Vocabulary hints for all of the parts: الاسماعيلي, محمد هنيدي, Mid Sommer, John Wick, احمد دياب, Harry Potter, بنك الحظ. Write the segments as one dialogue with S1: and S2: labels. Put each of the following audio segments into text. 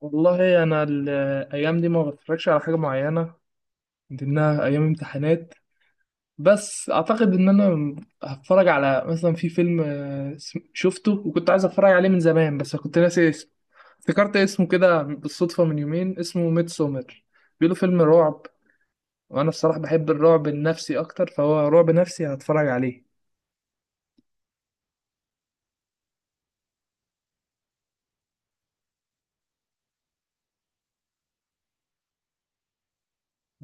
S1: والله انا الايام دي ما بتفرجش على حاجه معينه، من ضمنها ايام امتحانات. بس اعتقد ان انا هتفرج على مثلا في فيلم، شفته وكنت عايز اتفرج عليه من زمان بس كنت ناسي اسمه. افتكرت اسمه كده بالصدفه من يومين، اسمه ميد سومر. بيقولوا فيلم رعب، وانا الصراحه بحب الرعب النفسي اكتر، فهو رعب نفسي هتفرج عليه.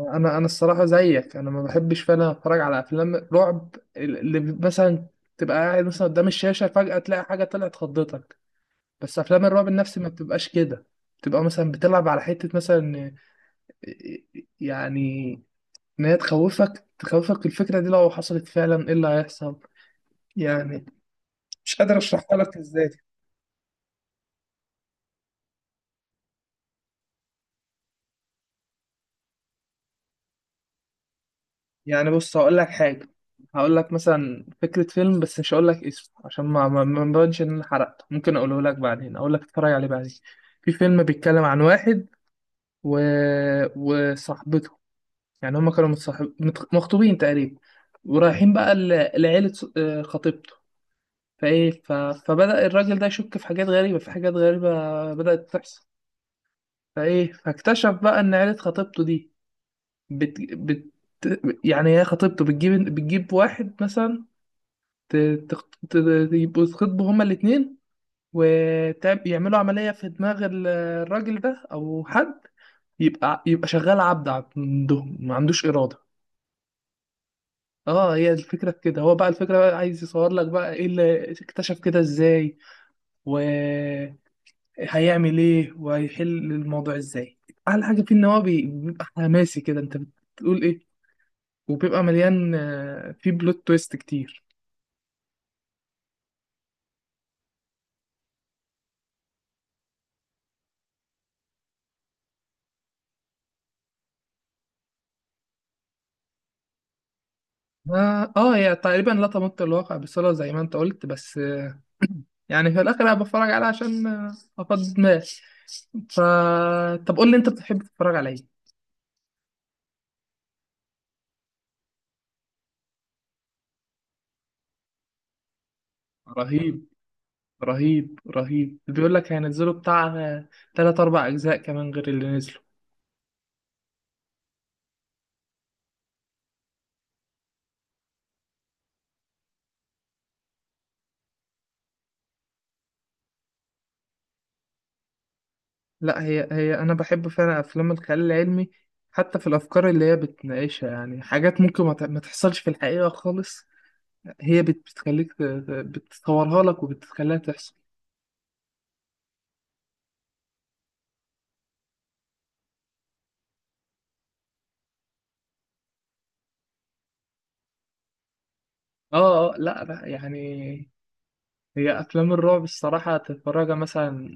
S1: انا الصراحه زيك، انا ما بحبش فعلا اتفرج على افلام رعب، اللي مثلا تبقى قاعد مثلا قدام الشاشه فجاه تلاقي حاجه طلعت خضتك. بس افلام الرعب النفسي ما بتبقاش كده، بتبقى مثلا بتلعب على حته مثلا، يعني ان هي تخوفك الفكره دي، لو حصلت فعلا ايه اللي هيحصل. يعني مش قادر اشرحها لك ازاي. يعني بص، هقول لك حاجة. هقول لك مثلا فكرة فيلم، بس مش هقول لك اسمه، عشان ما مبانش ان انا حرقته. ممكن اقوله لك بعدين، اقول لك اتفرج عليه بعدين. في فيلم بيتكلم عن واحد و... وصاحبته. يعني هما كانوا مخطوبين تقريبا، ورايحين بقى لعيلة ص- آه، خطيبته. فايه ف... فبدأ الراجل ده يشك في حاجات غريبة، في حاجات غريبة بدأت تحصل. فايه فاكتشف بقى ان عيلة خطيبته دي بت... بت... يعني هي خطيبته بتجيب واحد مثلا، ت- يبقوا يتخطبوا هما الاتنين، ويعملوا عملية في دماغ الراجل ده أو حد، يبقى شغال عبد عندهم، ما عندوش إرادة. اه، هي الفكرة في كده. هو بقى الفكرة بقى عايز يصور لك بقى ايه اللي اكتشف كده ازاي، وهيعمل ايه، وهيحل الموضوع ازاي. أحلى حاجة فيه إن هو بيبقى حماسي كده، أنت بتقول ايه، وبيبقى مليان، فيه بلوت تويست كتير. اه، هي تقريبا لا تمت الواقع بصلة زي ما انت قلت، بس يعني في الاخر انا بتفرج عليها عشان افضي دماغي. ف طب قول لي انت بتحب تتفرج على ايه؟ رهيب. رهيب، رهيب. بيقول لك هينزلوا بتاع تلات اربع اجزاء كمان غير اللي نزلوا. لا، هي انا بحب فعلا افلام الخيال العلمي، حتى في الافكار اللي هي بتناقشها. يعني حاجات ممكن ما تحصلش في الحقيقة خالص، هي بتخليك بتصورها لك وبتخليها تحصل. اه، اه، لا، لا، يعني هي افلام الرعب الصراحه تتفرجها مثلا،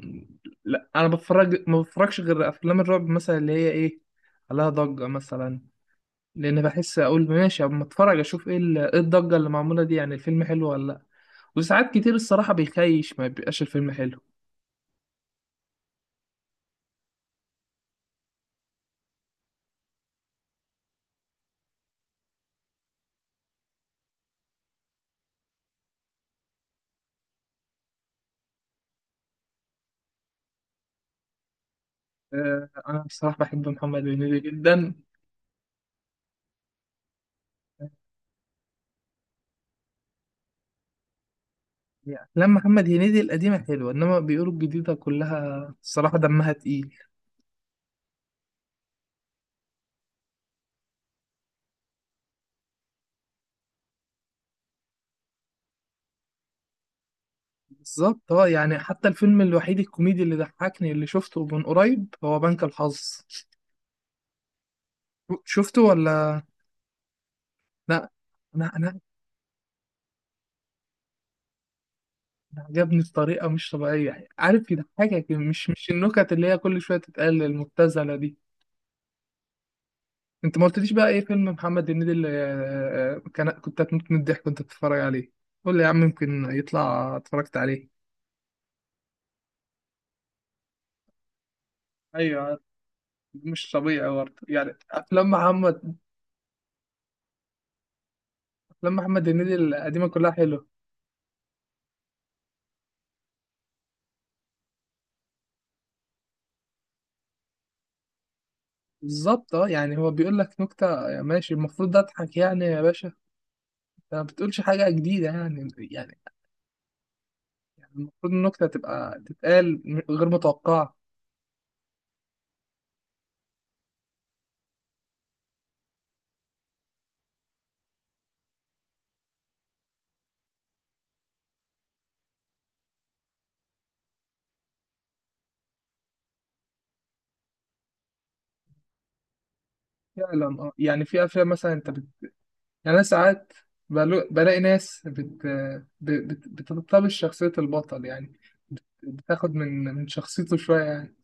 S1: لا انا بتفرج، ما بتفرجش غير افلام الرعب مثلا اللي هي ايه، عليها ضجه مثلا. لان بحس اقول ماشي، اما اتفرج اشوف ايه إيه الضجه اللي معموله دي، يعني الفيلم حلو ولا لا. وساعات كتير الصراحه بيخيش، ما بيبقاش الفيلم حلو. انا الصراحه بحب محمد هنيدي جدا. يعني افلام محمد هنيدي القديمه حلوه، انما بيقولوا الجديده كلها الصراحه دمها تقيل. بالظبط اه. يعني حتى الفيلم الوحيد الكوميدي اللي ضحكني اللي شفته من قريب هو بنك الحظ. شفته ولا لا؟ انا انا أنا عجبني بطريقه مش طبيعيه، يعني عارف يضحكك، مش النكت اللي هي كل شويه تتقال المبتذله دي. انت ما قلتليش بقى ايه فيلم محمد هنيدي اللي كان كنت هتموت من الضحك وانت بتتفرج عليه. قول لي يا عم، يمكن يطلع اتفرجت عليه. ايوه، مش طبيعي برضه، يعني افلام محمد هنيدي القديمه كلها حلوه. بالظبط اه. يعني هو بيقول لك نكتة، ماشي، المفروض اضحك يعني يا باشا. انت ما بتقولش حاجة جديدة، يعني المفروض النكتة تبقى تتقال غير متوقعة. فعلا اه. يعني في افلام مثلا انت يعني انا ساعات بلاقي ناس بتلتبس شخصية البطل، يعني بتاخد من شخصيته شوية، يعني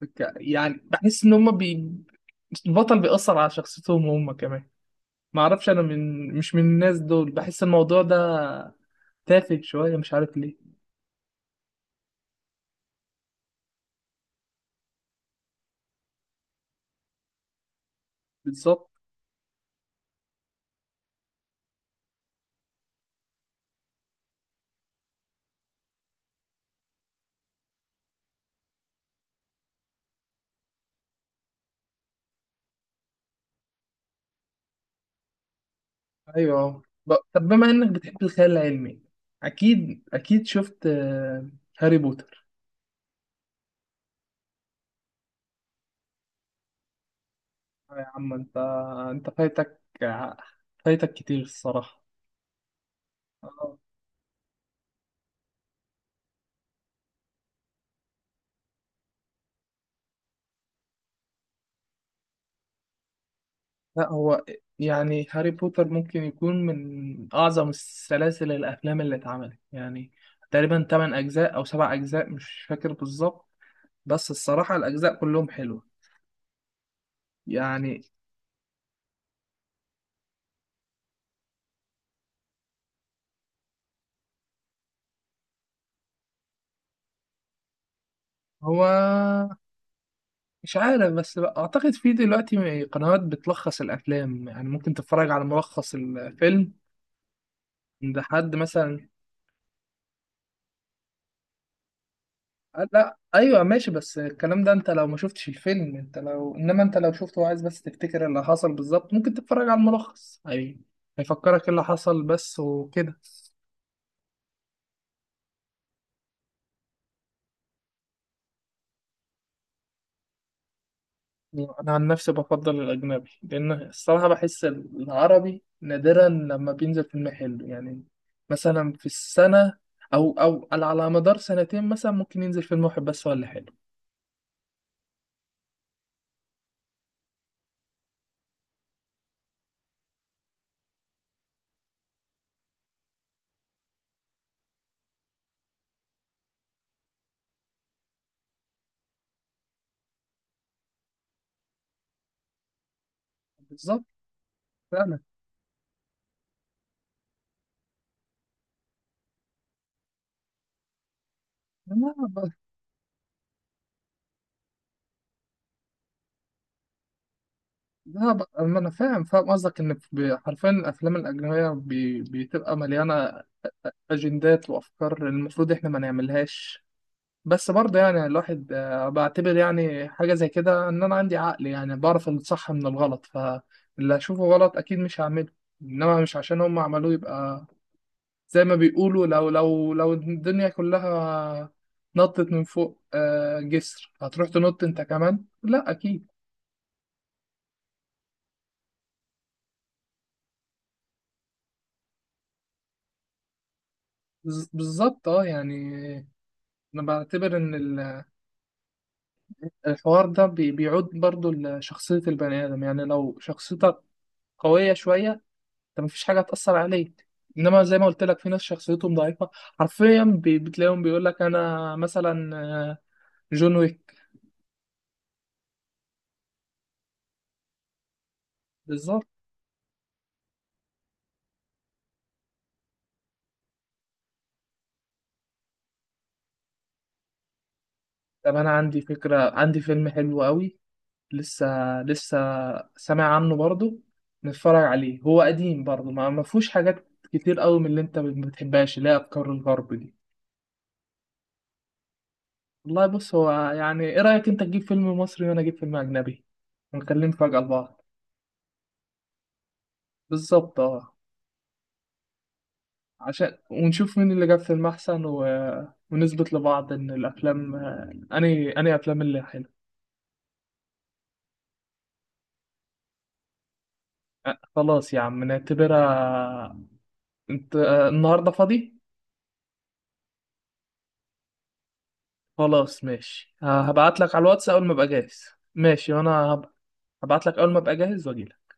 S1: يعني بحس ان هما البطل بيأثر على شخصيتهم هم كمان. معرفش انا، مش من الناس دول، بحس الموضوع ده تافه شويه مش عارف ليه. بالظبط. ايوه طب بما انك بتحب الخيال العلمي، اكيد شفت هاري بوتر؟ آه يا عم انت، انت فايتك، فايتك كتير الصراحه. آه. لا هو يعني هاري بوتر ممكن يكون من اعظم السلاسل الافلام اللي اتعملت، يعني تقريبا 8 اجزاء او 7 اجزاء، مش فاكر بالظبط. بس الصراحه الاجزاء كلهم حلوه، يعني هو. مش عارف، بس بقى اعتقد في دلوقتي قنوات بتلخص الافلام، يعني ممكن تتفرج على ملخص الفيلم عند حد مثلا. لا ايوه ماشي، بس الكلام ده، انت لو ما شفتش الفيلم، انت لو شفته وعايز بس تفتكر اللي حصل بالظبط، ممكن تتفرج على الملخص، اي هيفكرك إيه اللي حصل بس وكده. يعني انا عن نفسي بفضل الاجنبي، لان الصراحه بحس العربي نادرا لما بينزل فيلم حلو. يعني مثلا في السنه، او على مدار سنتين مثلا ممكن ينزل فيلم واحد بس ولا حلو. بالظبط فعلا. لا ب- لا ب- أما انا فاهم، قصدك ان حرفيا الافلام الاجنبيه بتبقى مليانه اجندات وافكار المفروض احنا ما نعملهاش. بس برضه يعني الواحد، بعتبر يعني حاجة زي كده، إن أنا عندي عقل، يعني بعرف الصح من الغلط، فاللي هشوفه غلط أكيد مش هعمله. إنما مش عشان هم عملوه يبقى، زي ما بيقولوا، لو الدنيا كلها نطت من فوق جسر، هتروح تنط أنت كمان؟ لأ أكيد. بالظبط أه. يعني أنا بعتبر إن الحوار ده بيعود برضه لشخصية البني آدم، يعني لو شخصيتك قوية شوية، انت مفيش حاجه هتأثر عليك. انما زي ما قلت لك، في ناس شخصيتهم ضعيفه، حرفيا بتلاقيهم بيقول لك انا مثلا، جون ويك. بالظبط. طب انا عندي فكره، عندي فيلم حلو قوي، لسه لسه سامع عنه برضو، نتفرج عليه. هو قديم برضو، ما فيهوش حاجات كتير قوي من اللي انت ما بتحبهاش، اللي هي افكار الغرب دي. والله بص، هو يعني ايه رايك انت تجيب فيلم مصري وانا اجيب فيلم اجنبي، ونكلم فجأة لبعض. بالظبط اه، عشان ونشوف مين اللي جاب فيلم أحسن ونثبت لبعض إن الأفلام أني أفلام اللي حلوة. أه، خلاص يا عم، نعتبرها. أنت النهاردة فاضي؟ خلاص ماشي، هبعت لك على الواتس أول ما أبقى جاهز. ماشي. وأنا هبعت لك أول ما أبقى جاهز وأجيلك.